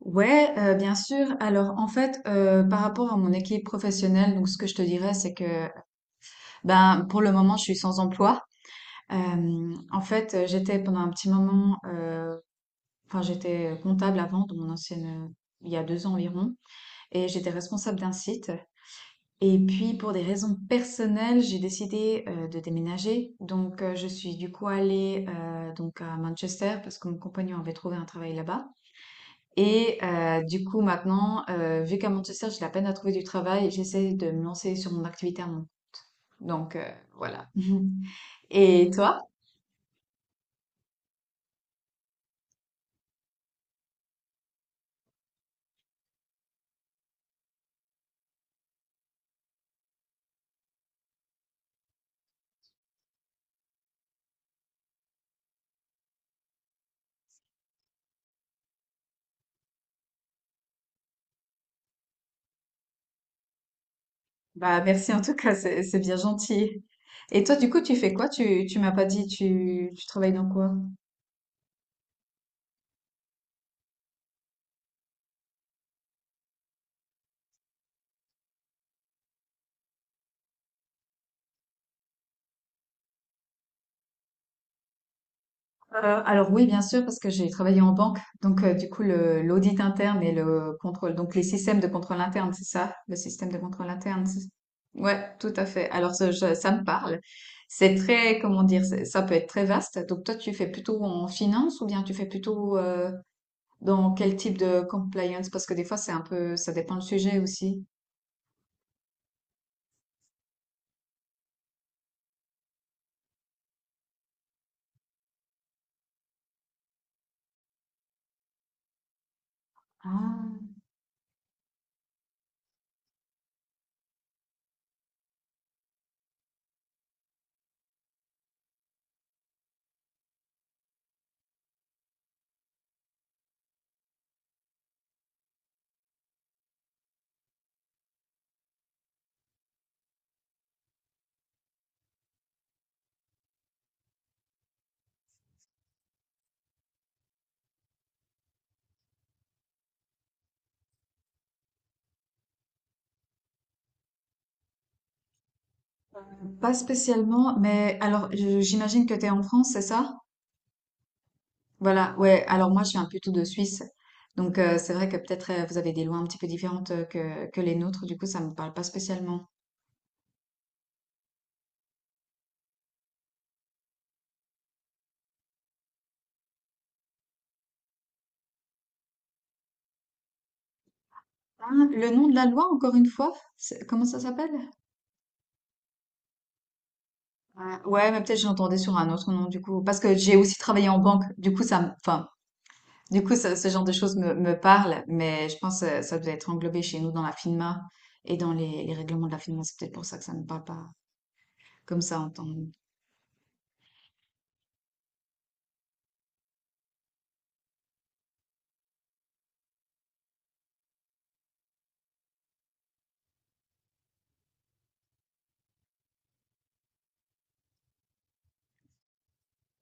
Ouais, bien sûr. Alors, en fait, par rapport à mon équipe professionnelle, donc ce que je te dirais, c'est que pour le moment, je suis sans emploi. J'étais pendant un petit moment, enfin, j'étais comptable avant dans mon ancienne, il y a 2 ans environ, et j'étais responsable d'un site. Et puis pour des raisons personnelles, j'ai décidé, de déménager. Je suis du coup allée, donc à Manchester parce que mon compagnon avait trouvé un travail là-bas. Du coup maintenant, vu qu'à Manchester, j'ai de la peine à trouver du travail, j'essaie de me lancer sur mon activité à mon… Donc heu, voilà. Et toi? Bah, merci en tout cas, c'est bien gentil. Et toi, du coup, tu fais quoi? Tu m'as pas dit, tu travailles dans quoi? Alors oui, bien sûr, parce que j'ai travaillé en banque, donc du coup le l'audit interne et le contrôle, donc les systèmes de contrôle interne, c'est ça, le système de contrôle interne. Ouais, tout à fait. Alors ça, ça me parle. C'est très, comment dire, ça peut être très vaste. Donc toi, tu fais plutôt en finance ou bien tu fais plutôt dans quel type de compliance? Parce que des fois, c'est un peu, ça dépend le sujet aussi. Ah. Pas spécialement, mais alors j'imagine que tu es en France, c'est ça? Voilà, ouais. Alors moi, je suis un peu tout de Suisse. C'est vrai que peut-être vous avez des lois un petit peu différentes que les nôtres. Du coup, ça me parle pas spécialement. Ah, le nom de la loi, encore une fois, comment ça s'appelle? Ah, ouais, mais peut-être j'entendais sur un autre nom, du coup. Parce que j'ai aussi travaillé en banque. Du coup, enfin, du coup, ce genre de choses me parle. Mais je pense que ça devait être englobé chez nous dans la FINMA et dans les règlements de la FINMA. C'est peut-être pour ça que ça ne me parle pas comme ça en temps.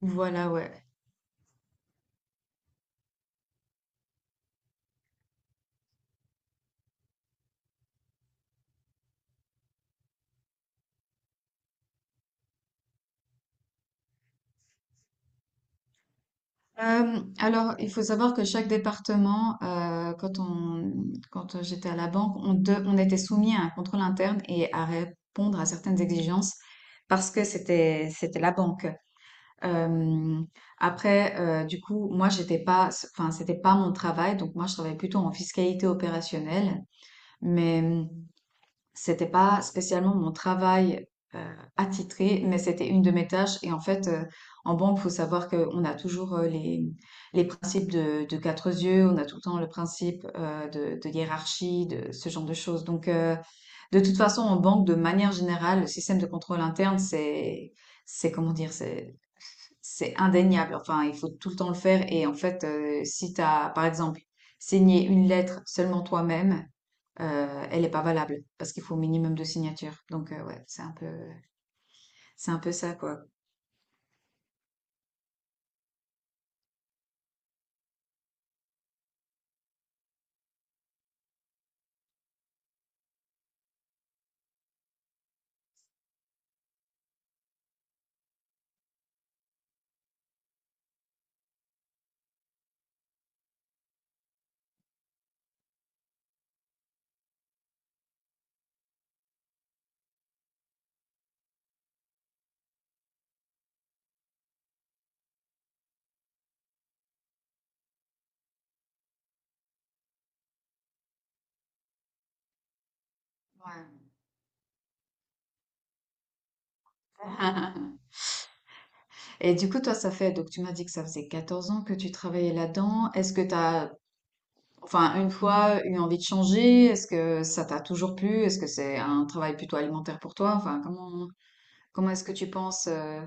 Voilà, ouais. Alors, il faut savoir que chaque département, quand j'étais à la banque, on était soumis à un contrôle interne et à répondre à certaines exigences parce que c'était la banque. Euh, après, du coup, moi, j'étais pas, enfin, c'était pas mon travail, donc moi, je travaillais plutôt en fiscalité opérationnelle, mais c'était pas spécialement mon travail attitré, mais c'était une de mes tâches. Et en fait, en banque, faut savoir qu'on a toujours les principes de quatre yeux, on a tout le temps le principe de hiérarchie, de ce genre de choses. Donc, de toute façon, en banque, de manière générale, le système de contrôle interne, c'est comment dire, c'est indéniable. Enfin, il faut tout le temps le faire. Et en fait, si tu as, par exemple, signé une lettre seulement toi-même, elle n'est pas valable parce qu'il faut au minimum de signatures. Donc, ouais, c'est un peu ça, quoi. Ouais. Et du coup, toi, donc tu m'as dit que ça faisait 14 ans que tu travaillais là-dedans. Est-ce que tu as, enfin, une fois eu envie de changer? Est-ce que ça t'a toujours plu? Est-ce que c'est un travail plutôt alimentaire pour toi? Enfin, comment est-ce que tu penses,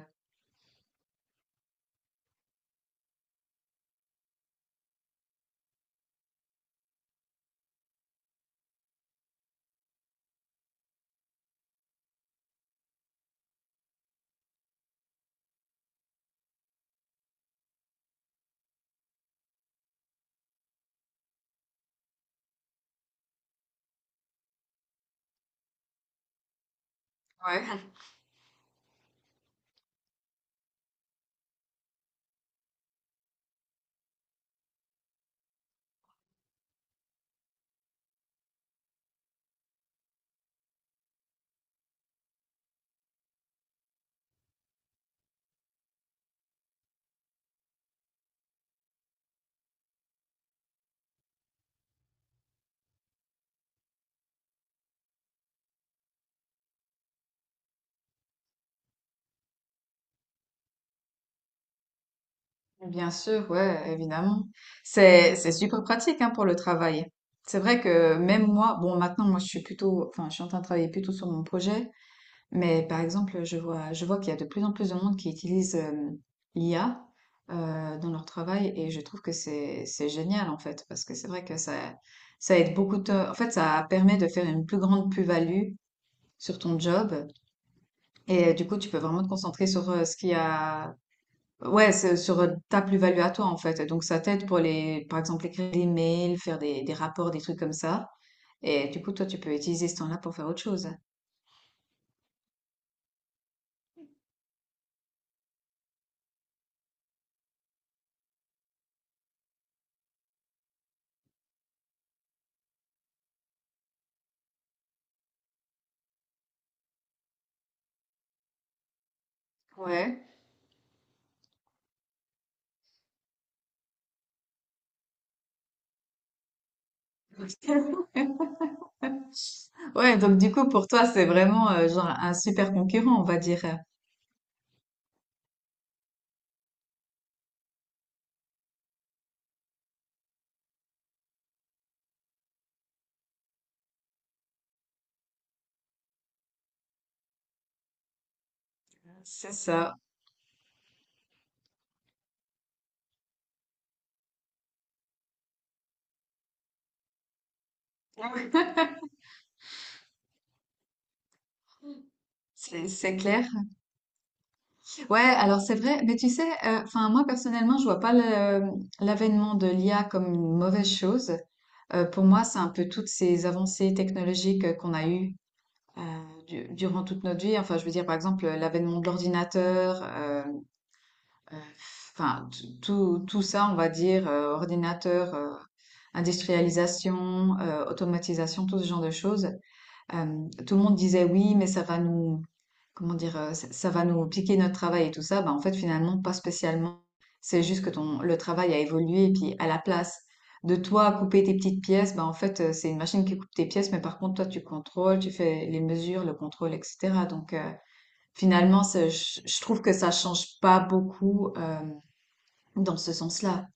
Ouais. Bien sûr, ouais, évidemment. C'est super pratique hein, pour le travail. C'est vrai que même moi, bon maintenant moi je suis plutôt, enfin je suis en train de travailler plutôt sur mon projet. Mais par exemple, je vois qu'il y a de plus en plus de monde qui utilise l'IA dans leur travail et je trouve que c'est génial en fait parce que c'est vrai que ça aide beaucoup en fait ça permet de faire une plus grande plus-value sur ton job, et du coup tu peux vraiment te concentrer sur ce qu'il y a, sur ta plus-value à toi en fait. Et donc ça t'aide pour les par exemple écrire des mails, faire des rapports, des trucs comme ça, et du coup toi tu peux utiliser ce temps-là pour faire autre chose. Ouais. Ouais, donc du coup, pour toi, c'est vraiment genre un super concurrent, on va dire. C'est ça. C'est clair. Ouais, alors c'est vrai, mais tu sais, enfin moi personnellement, je vois pas le- l'avènement de l'IA comme une mauvaise chose. Pour moi, c'est un peu toutes ces avancées technologiques qu'on a eues heu, du durant toute notre vie. Enfin, je veux dire, par exemple, l'avènement de l'ordinateur, heu, enfin, t tout ça, on va dire, ordinateur, industrialisation, automatisation, tout ce genre de choses, tout le monde disait oui, mais ça va nous, comment dire, ça va nous piquer notre travail et tout ça. Bah, en fait, finalement, pas spécialement. C'est juste que le travail a évolué, et puis à la place de toi couper tes petites pièces, bah, en fait, c'est une machine qui coupe tes pièces, mais par contre, toi, tu contrôles, tu fais les mesures, le contrôle, etc. Finalement, je trouve que ça change pas beaucoup, dans ce sens-là.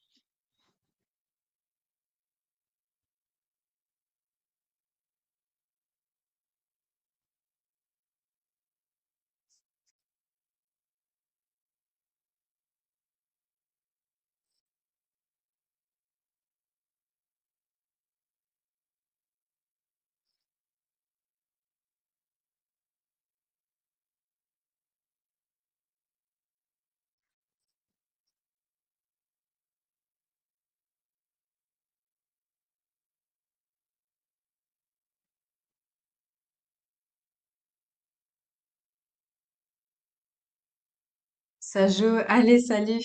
Ça joue. Allez, salut!